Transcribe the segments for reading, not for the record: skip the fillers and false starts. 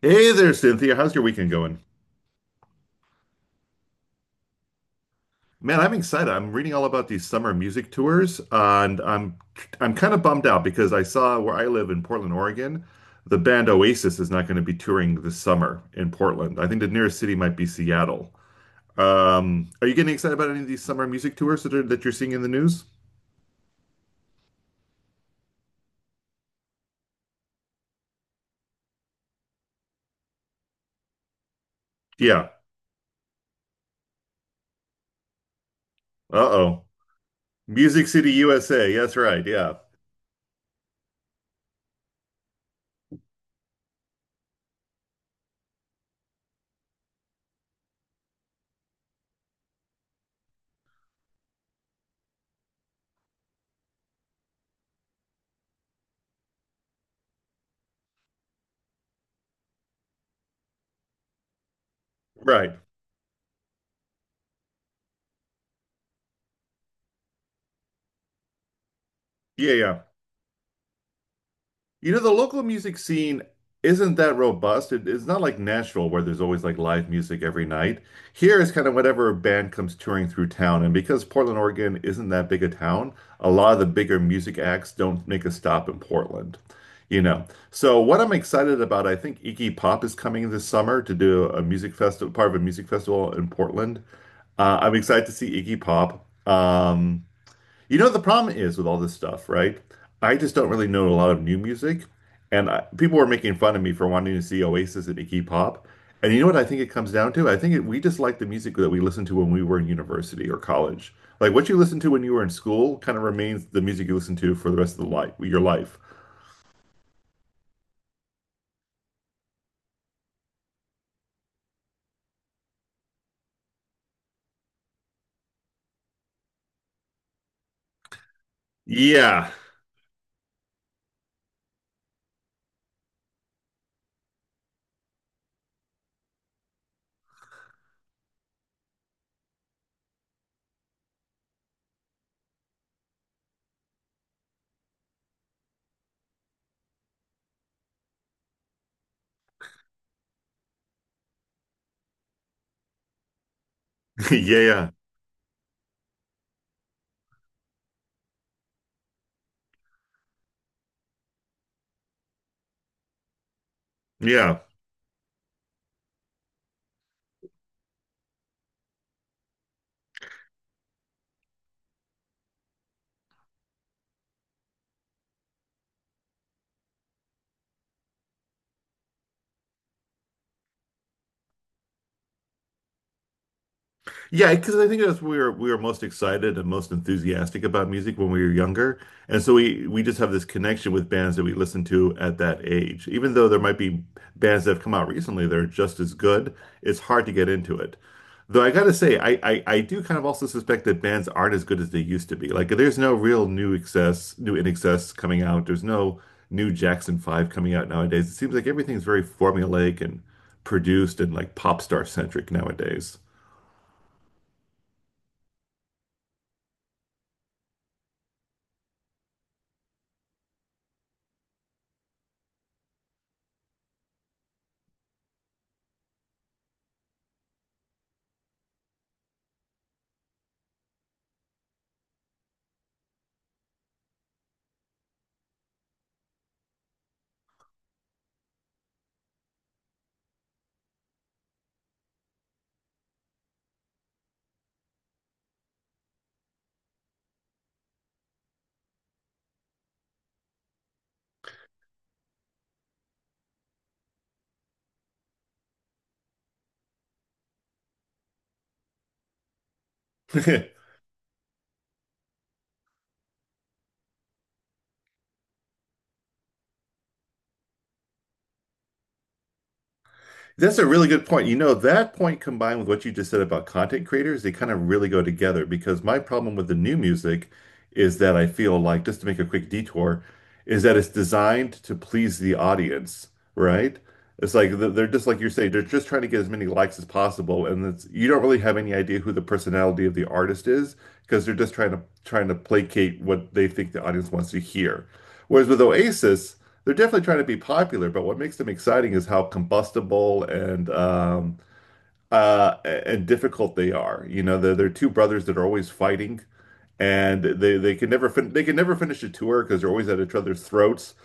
Hey there, Cynthia. How's your weekend going? Man, I'm excited. I'm reading all about these summer music tours, and I'm kind of bummed out because I saw where I live in Portland, Oregon, the band Oasis is not going to be touring this summer in Portland. I think the nearest city might be Seattle. Are you getting excited about any of these summer music tours that you're seeing in the news? Yeah. Uh-oh. Music City, USA. That's right. Yeah. Right. Yeah, yeah. You know, the local music scene isn't that robust. It's not like Nashville where there's always like live music every night. Here is kind of whatever band comes touring through town. And because Portland, Oregon isn't that big a town, a lot of the bigger music acts don't make a stop in Portland. You know, so what I'm excited about, I think Iggy Pop is coming this summer to do a music festival, part of a music festival in Portland. I'm excited to see Iggy Pop. You know, the problem is with all this stuff, right? I just don't really know a lot of new music, and people were making fun of me for wanting to see Oasis and Iggy Pop. And you know what I think it comes down to? We just like the music that we listened to when we were in university or college. Like what you listened to when you were in school kind of remains the music you listen to for the rest of your life. Yeah. Yeah, yeah. Yeah. Yeah, because I think that's we were most excited and most enthusiastic about music when we were younger, and so we just have this connection with bands that we listen to at that age. Even though there might be bands that have come out recently that are just as good, it's hard to get into it. Though I gotta say, I do kind of also suspect that bands aren't as good as they used to be. Like there's no real new excess, new in excess coming out. There's no new Jackson 5 coming out nowadays. It seems like everything's very formulaic and produced and like pop star centric nowadays. That's a really good point. You know, that point combined with what you just said about content creators, they kind of really go together because my problem with the new music is that I feel like, just to make a quick detour, is that it's designed to please the audience, right? It's like they're just like you're saying, they're just trying to get as many likes as possible, and you don't really have any idea who the personality of the artist is because they're just trying to placate what they think the audience wants to hear. Whereas with Oasis, they're definitely trying to be popular, but what makes them exciting is how combustible and difficult they are. You know, they're two brothers that are always fighting, and they can never fin they can never finish a tour because they're always at each other's throats.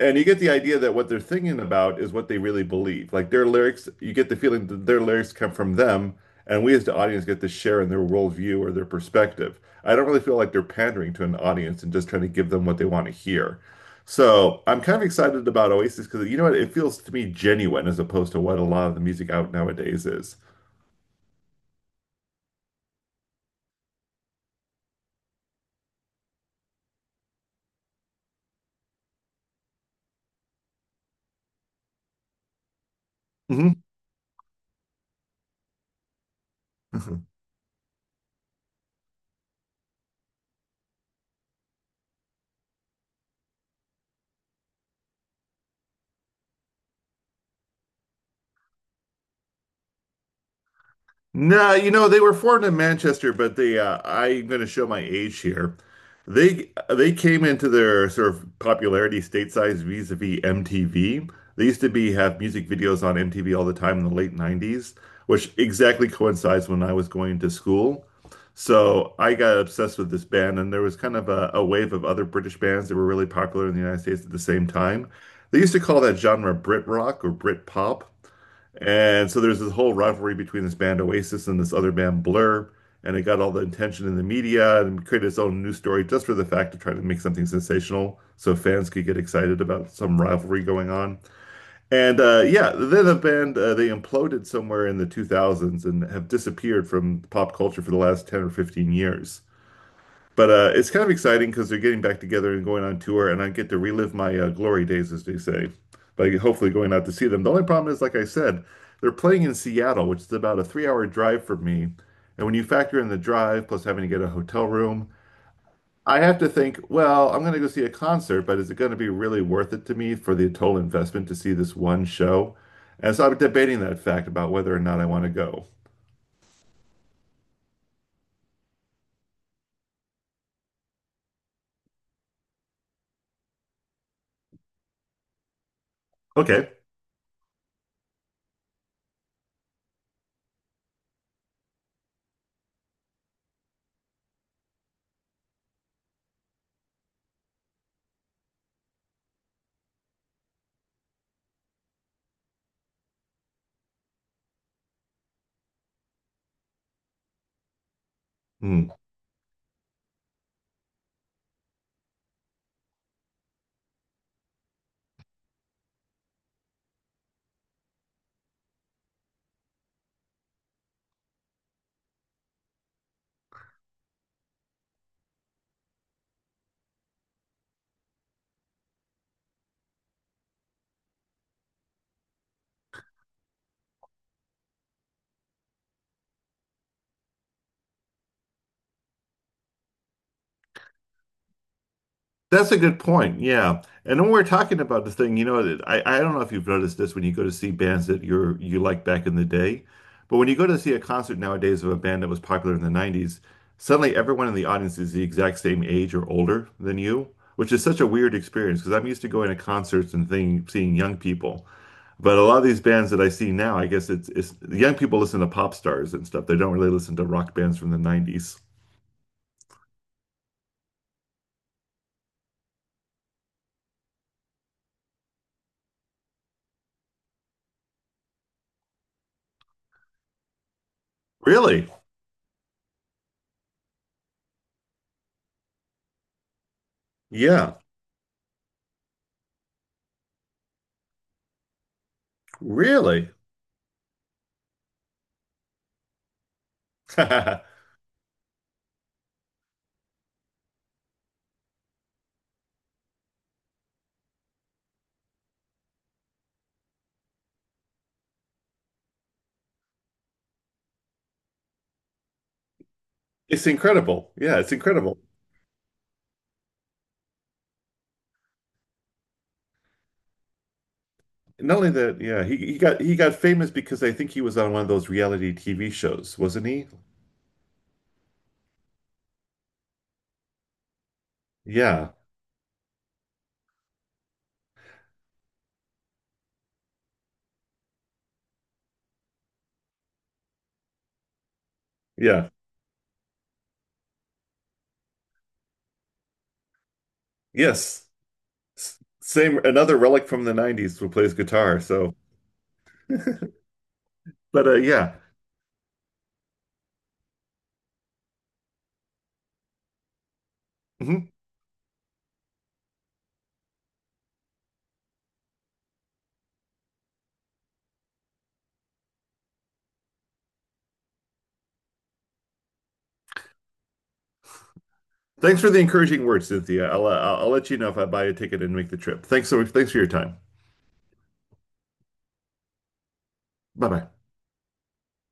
And you get the idea that what they're thinking about is what they really believe. Like their lyrics, you get the feeling that their lyrics come from them, and we as the audience get to share in their worldview or their perspective. I don't really feel like they're pandering to an audience and just trying to give them what they want to hear. So I'm kind of excited about Oasis because you know what? It feels to me genuine as opposed to what a lot of the music out nowadays is. Hmm. No, you know, they were formed in Manchester, but they I'm going to show my age here. They came into their sort of popularity stateside vis-a-vis MTV. They used to be have music videos on MTV all the time in the late 90s, which exactly coincides when I was going to school. So I got obsessed with this band, and there was kind of a wave of other British bands that were really popular in the United States at the same time. They used to call that genre Brit rock or Brit pop. And so there's this whole rivalry between this band Oasis and this other band Blur, and it got all the attention in the media and created its own news story just for the fact of trying to make something sensational so fans could get excited about some rivalry going on. And yeah, then the band they imploded somewhere in the 2000s and have disappeared from pop culture for the last 10 or 15 years. But it's kind of exciting because they're getting back together and going on tour, and I get to relive my glory days, as they say, by hopefully going out to see them. The only problem is, like I said, they're playing in Seattle, which is about a three-hour drive from me. And when you factor in the drive plus having to get a hotel room, I have to think, well, I'm going to go see a concert, but is it going to be really worth it to me for the total investment to see this one show? And so I'm debating that fact about whether or not I want to go. Okay. Hmm. That's a good point. Yeah. And when we're talking about the thing, you know, I don't know if you've noticed this when you go to see bands that you like back in the day, but when you go to see a concert nowadays of a band that was popular in the 90s, suddenly everyone in the audience is the exact same age or older than you, which is such a weird experience because I'm used to going to concerts seeing young people. But a lot of these bands that I see now, I guess it's the young people listen to pop stars and stuff. They don't really listen to rock bands from the 90s. Really? Yeah. Really? It's incredible. Yeah, it's incredible. Not only that, yeah, he got famous because I think he was on one of those reality TV shows, wasn't he? Yeah, yeah, Yes. Same, another relic from the 90s who plays guitar. So, but yeah. Mhm. Thanks for the encouraging words, Cynthia. I'll let you know if I buy a ticket and make the trip. Thanks so much. Thanks for your time. Bye bye.